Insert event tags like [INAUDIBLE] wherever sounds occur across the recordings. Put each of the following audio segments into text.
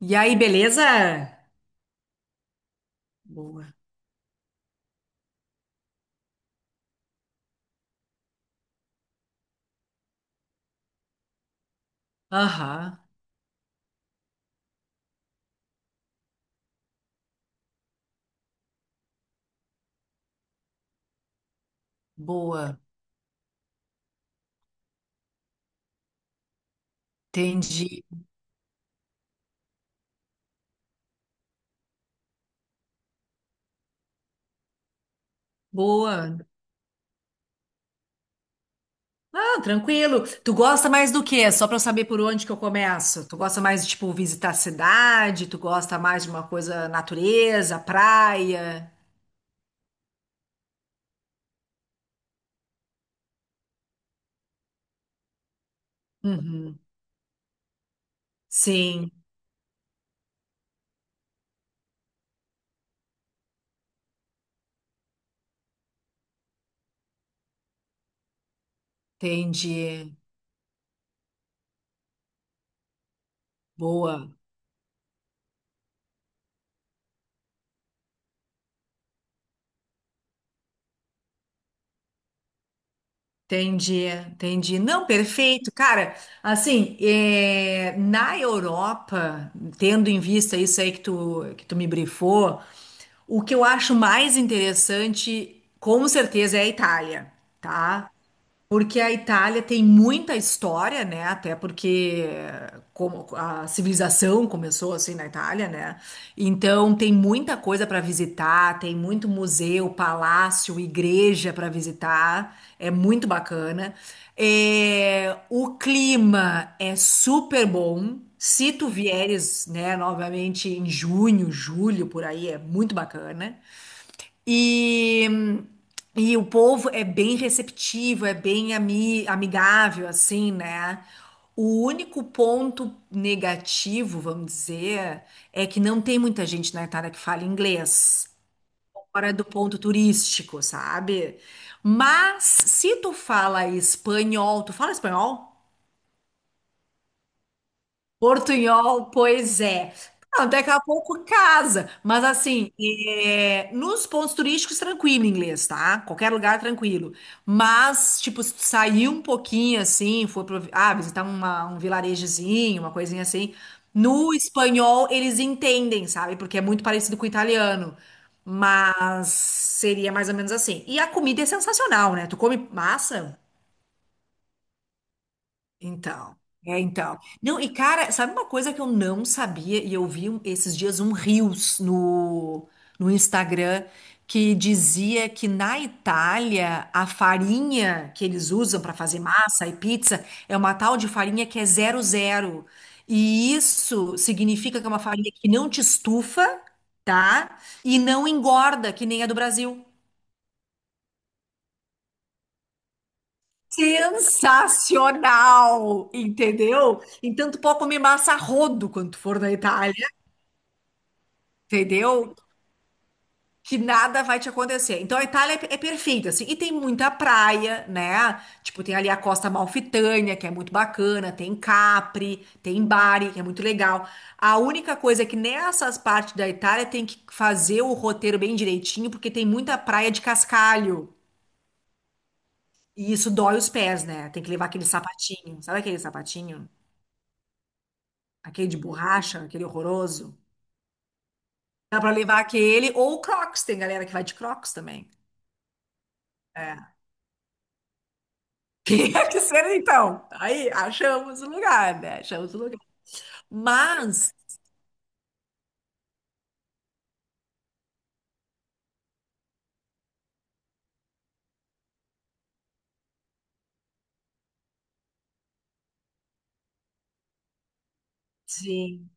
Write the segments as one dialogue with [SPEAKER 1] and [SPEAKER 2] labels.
[SPEAKER 1] E aí, beleza? Boa. Aham, boa. Entendi. Boa. Ah, tranquilo. Tu gosta mais do quê? Só pra eu saber por onde que eu começo. Tu gosta mais de, tipo, visitar a cidade? Tu gosta mais de uma coisa natureza, praia? Uhum. Sim, entendi. Boa. Entendi, entendi. Não, perfeito. Cara, assim, é, na Europa, tendo em vista isso aí que tu me brifou, o que eu acho mais interessante, com certeza, é a Itália, tá? Porque a Itália tem muita história, né? Até porque como a civilização começou assim na Itália, né? Então tem muita coisa para visitar, tem muito museu, palácio, igreja para visitar. É muito bacana. É, o clima é super bom. Se tu vieres, né, novamente em junho, julho, por aí, é muito bacana. E, e o povo é bem receptivo, é bem amigável, assim, né? O único ponto negativo, vamos dizer, é que não tem muita gente na Itália que fala inglês, fora do ponto turístico, sabe? Mas se tu fala espanhol, tu fala espanhol? Portunhol, pois é. Não, daqui a pouco casa, mas assim, é, nos pontos turísticos, tranquilo inglês, tá? Qualquer lugar, tranquilo. Mas, tipo, se tu sair um pouquinho assim, for pra, visitar um vilarejozinho, uma coisinha assim, no espanhol eles entendem, sabe? Porque é muito parecido com o italiano. Mas seria mais ou menos assim. E a comida é sensacional, né? Tu come massa? Então, é então. Não, e cara, sabe uma coisa que eu não sabia e eu vi esses dias um Reels no Instagram que dizia que na Itália a farinha que eles usam para fazer massa e pizza é uma tal de farinha que é zero zero. E isso significa que é uma farinha que não te estufa, tá? E não engorda, que nem a do Brasil. Sensacional, entendeu? Então tu pode comer massa a rodo quando tu for na Itália, entendeu? Que nada vai te acontecer. Então a Itália é perfeita, assim, e tem muita praia, né? Tipo, tem ali a Costa Amalfitânia, que é muito bacana, tem Capri, tem Bari, que é muito legal. A única coisa é que nessas partes da Itália tem que fazer o roteiro bem direitinho, porque tem muita praia de cascalho. E isso dói os pés, né? Tem que levar aquele sapatinho. Sabe aquele sapatinho? Aquele de borracha, aquele horroroso. Dá pra levar aquele ou o Crocs. Tem galera que vai de Crocs também. É. [LAUGHS] Tinha que ser então. Aí, achamos o lugar, né? Achamos o lugar. Mas, sim,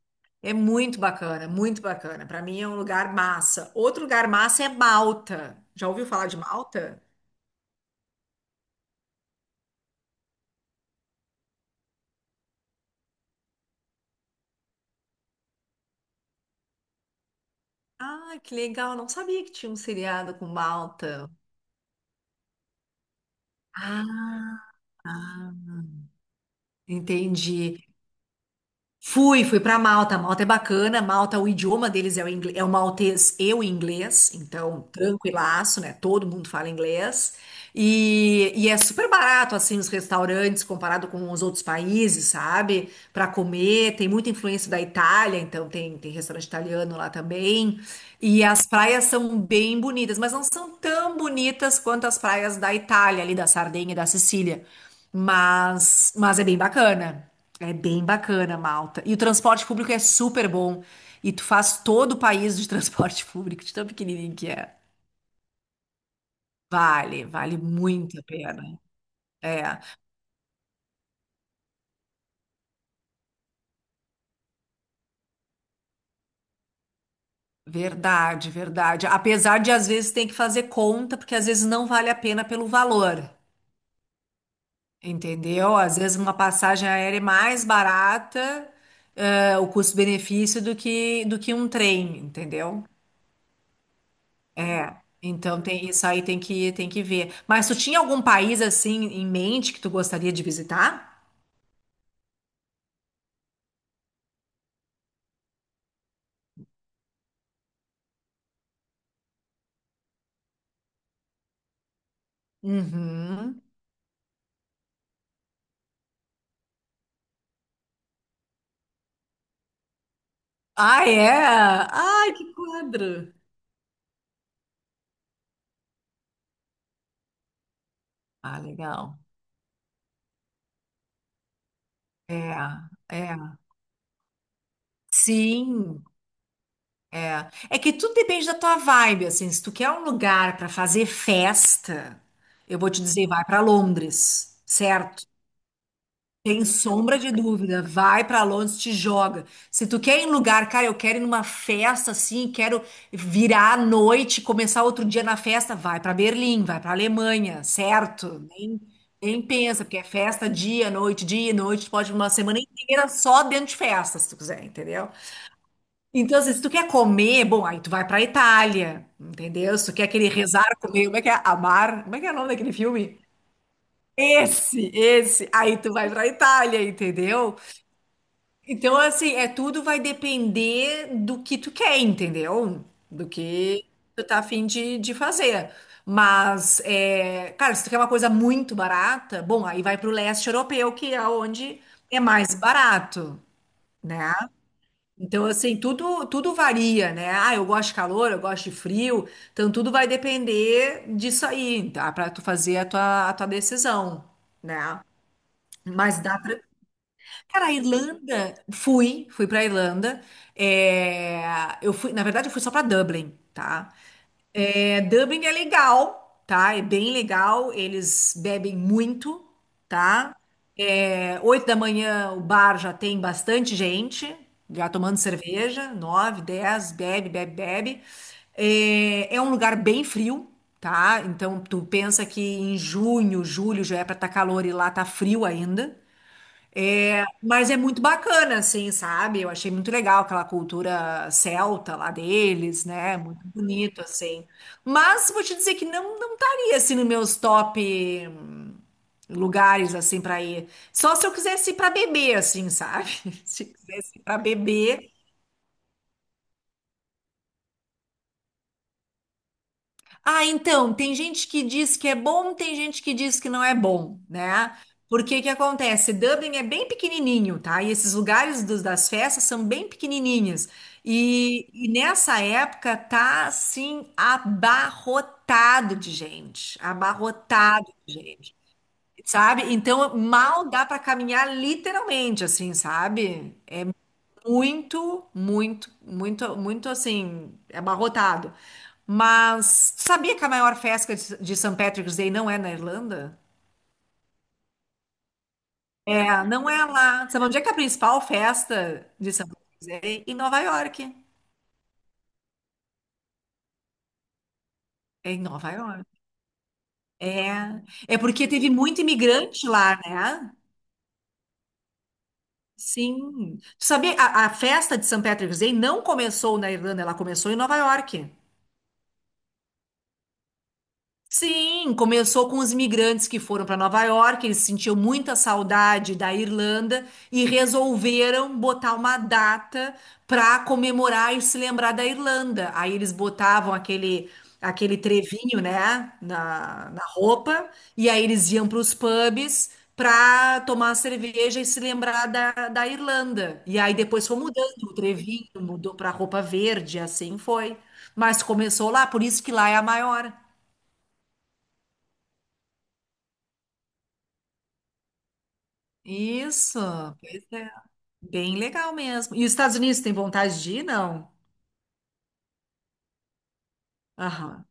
[SPEAKER 1] é muito bacana, muito bacana. Pra mim é um lugar massa. Outro lugar massa é Malta. Já ouviu falar de Malta? Ah, que legal. Não sabia que tinha um seriado com Malta. Ah, ah, entendi. Fui para Malta. Malta é bacana. Malta, o idioma deles é o inglês, é o maltês e o inglês, então tranquilaço, né? Todo mundo fala inglês. E é super barato, assim, os restaurantes comparado com os outros países, sabe? Para comer, tem muita influência da Itália, então tem restaurante italiano lá também. E as praias são bem bonitas, mas não são tão bonitas quanto as praias da Itália, ali da Sardenha e da Sicília. Mas é bem bacana. É bem bacana, Malta. E o transporte público é super bom. E tu faz todo o país de transporte [LAUGHS] público, de tão pequenininho que é. Vale muito a pena. É, verdade, verdade. Apesar de às vezes ter que fazer conta, porque às vezes não vale a pena pelo valor, entendeu? Às vezes uma passagem aérea é mais barata o custo-benefício do que um trem, entendeu? Então tem isso aí tem que ver. Mas tu tinha algum país assim em mente que tu gostaria de visitar? Uhum. Ah, é? Ai, que quadro! Ah, legal. É, é. Sim, é. É que tudo depende da tua vibe, assim. Se tu quer um lugar para fazer festa, eu vou te dizer, vai para Londres, certo? Tem sombra de dúvida. Vai pra Londres, te joga. Se tu quer ir em lugar, cara, eu quero ir numa festa assim, quero virar à noite, começar outro dia na festa, vai pra Berlim, vai pra Alemanha, certo? Nem pensa, porque é festa dia, noite, tu pode ir uma semana inteira só dentro de festa, se tu quiser, entendeu? Então, assim, se tu quer comer, bom, aí tu vai pra Itália, entendeu? Se tu quer aquele rezar comer, como é que é? Amar, como é que é o nome daquele filme? Esse, esse. Aí tu vai pra Itália, entendeu? Então, assim, é tudo vai depender do que tu quer, entendeu? Do que tu tá afim de fazer. Mas, é, cara, se tu quer uma coisa muito barata, bom, aí vai pro leste europeu, que é onde é mais barato, né? Então, assim, tudo varia, né? Ah, eu gosto de calor, eu gosto de frio. Então, tudo vai depender disso aí, tá? Pra tu fazer a tua decisão, né? Mas dá, pra, Cara, a Irlanda, fui pra Irlanda. É, eu fui, na verdade, eu fui só pra Dublin, tá? É, Dublin é legal, tá? É bem legal. Eles bebem muito, tá? É, 8 da manhã o bar já tem bastante gente, já tomando cerveja. 9, 10, bebe, bebe, bebe. É, é um lugar bem frio, tá? Então tu pensa que em junho, julho já é pra estar calor e lá tá frio ainda. É, mas é muito bacana, assim, sabe? Eu achei muito legal aquela cultura celta lá deles, né? Muito bonito, assim. Mas vou te dizer que não estaria assim nos meus top lugares assim para ir. Só se eu quisesse ir para beber, assim, sabe? [LAUGHS] Se eu quisesse ir para beber, ah, então, tem gente que diz que é bom, tem gente que diz que não é bom, né? Porque que acontece? Dublin é bem pequenininho, tá? E esses lugares das festas são bem pequenininhas. E nessa época tá, assim, abarrotado de gente. Abarrotado de gente, sabe? Então, mal dá para caminhar literalmente, assim, sabe? Muito, muito, muito, muito assim, abarrotado. Mas sabia que a maior festa de St. Patrick's Day não é na Irlanda? É, não é lá. Sabe onde é que é a principal festa de St. Patrick's Day? Em Nova York. É em Nova York. É. É porque teve muito imigrante lá, né? Sim. Tu sabia, a festa de St. Patrick's Day não começou na Irlanda, ela começou em Nova York. Sim, começou com os imigrantes que foram para Nova York, eles sentiam muita saudade da Irlanda e resolveram botar uma data para comemorar e se lembrar da Irlanda. Aí eles botavam aquele trevinho, né, na roupa, e aí eles iam para os pubs para tomar cerveja e se lembrar da Irlanda. E aí depois foi mudando o trevinho, mudou para roupa verde, assim foi. Mas começou lá, por isso que lá é a maior. Isso, pois é. Bem legal mesmo. E os Estados Unidos tem vontade de ir? Não. Aham.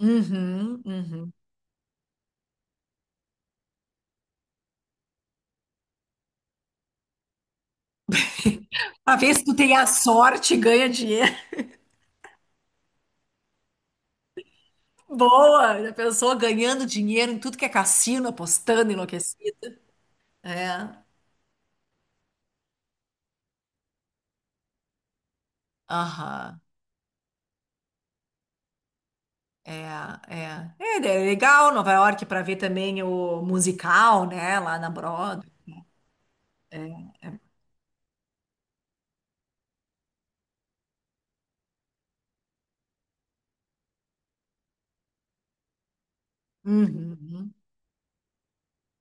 [SPEAKER 1] Uhum, uhum. Pra ver se tu tem a sorte e ganha dinheiro. [LAUGHS] Boa! Já pensou ganhando dinheiro em tudo que é cassino, apostando, enlouquecida? É. Aham. É, é. É, é legal Nova York para ver também o musical, né? Lá na Broadway. É, é. Uhum, uhum.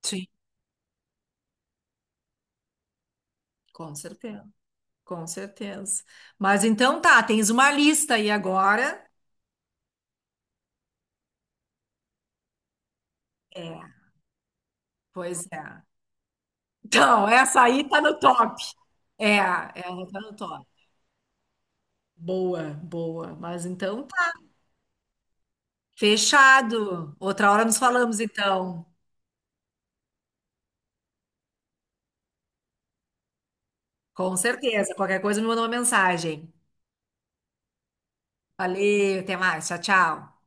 [SPEAKER 1] Sim, com certeza. Com certeza. Mas então tá, tens uma lista aí agora. É, pois é. Então, essa aí tá no top. É, ela tá no top. Boa, boa. Mas então tá. Fechado. Outra hora nos falamos, então. Com certeza. Qualquer coisa me manda uma mensagem. Valeu, até mais. Tchau, tchau.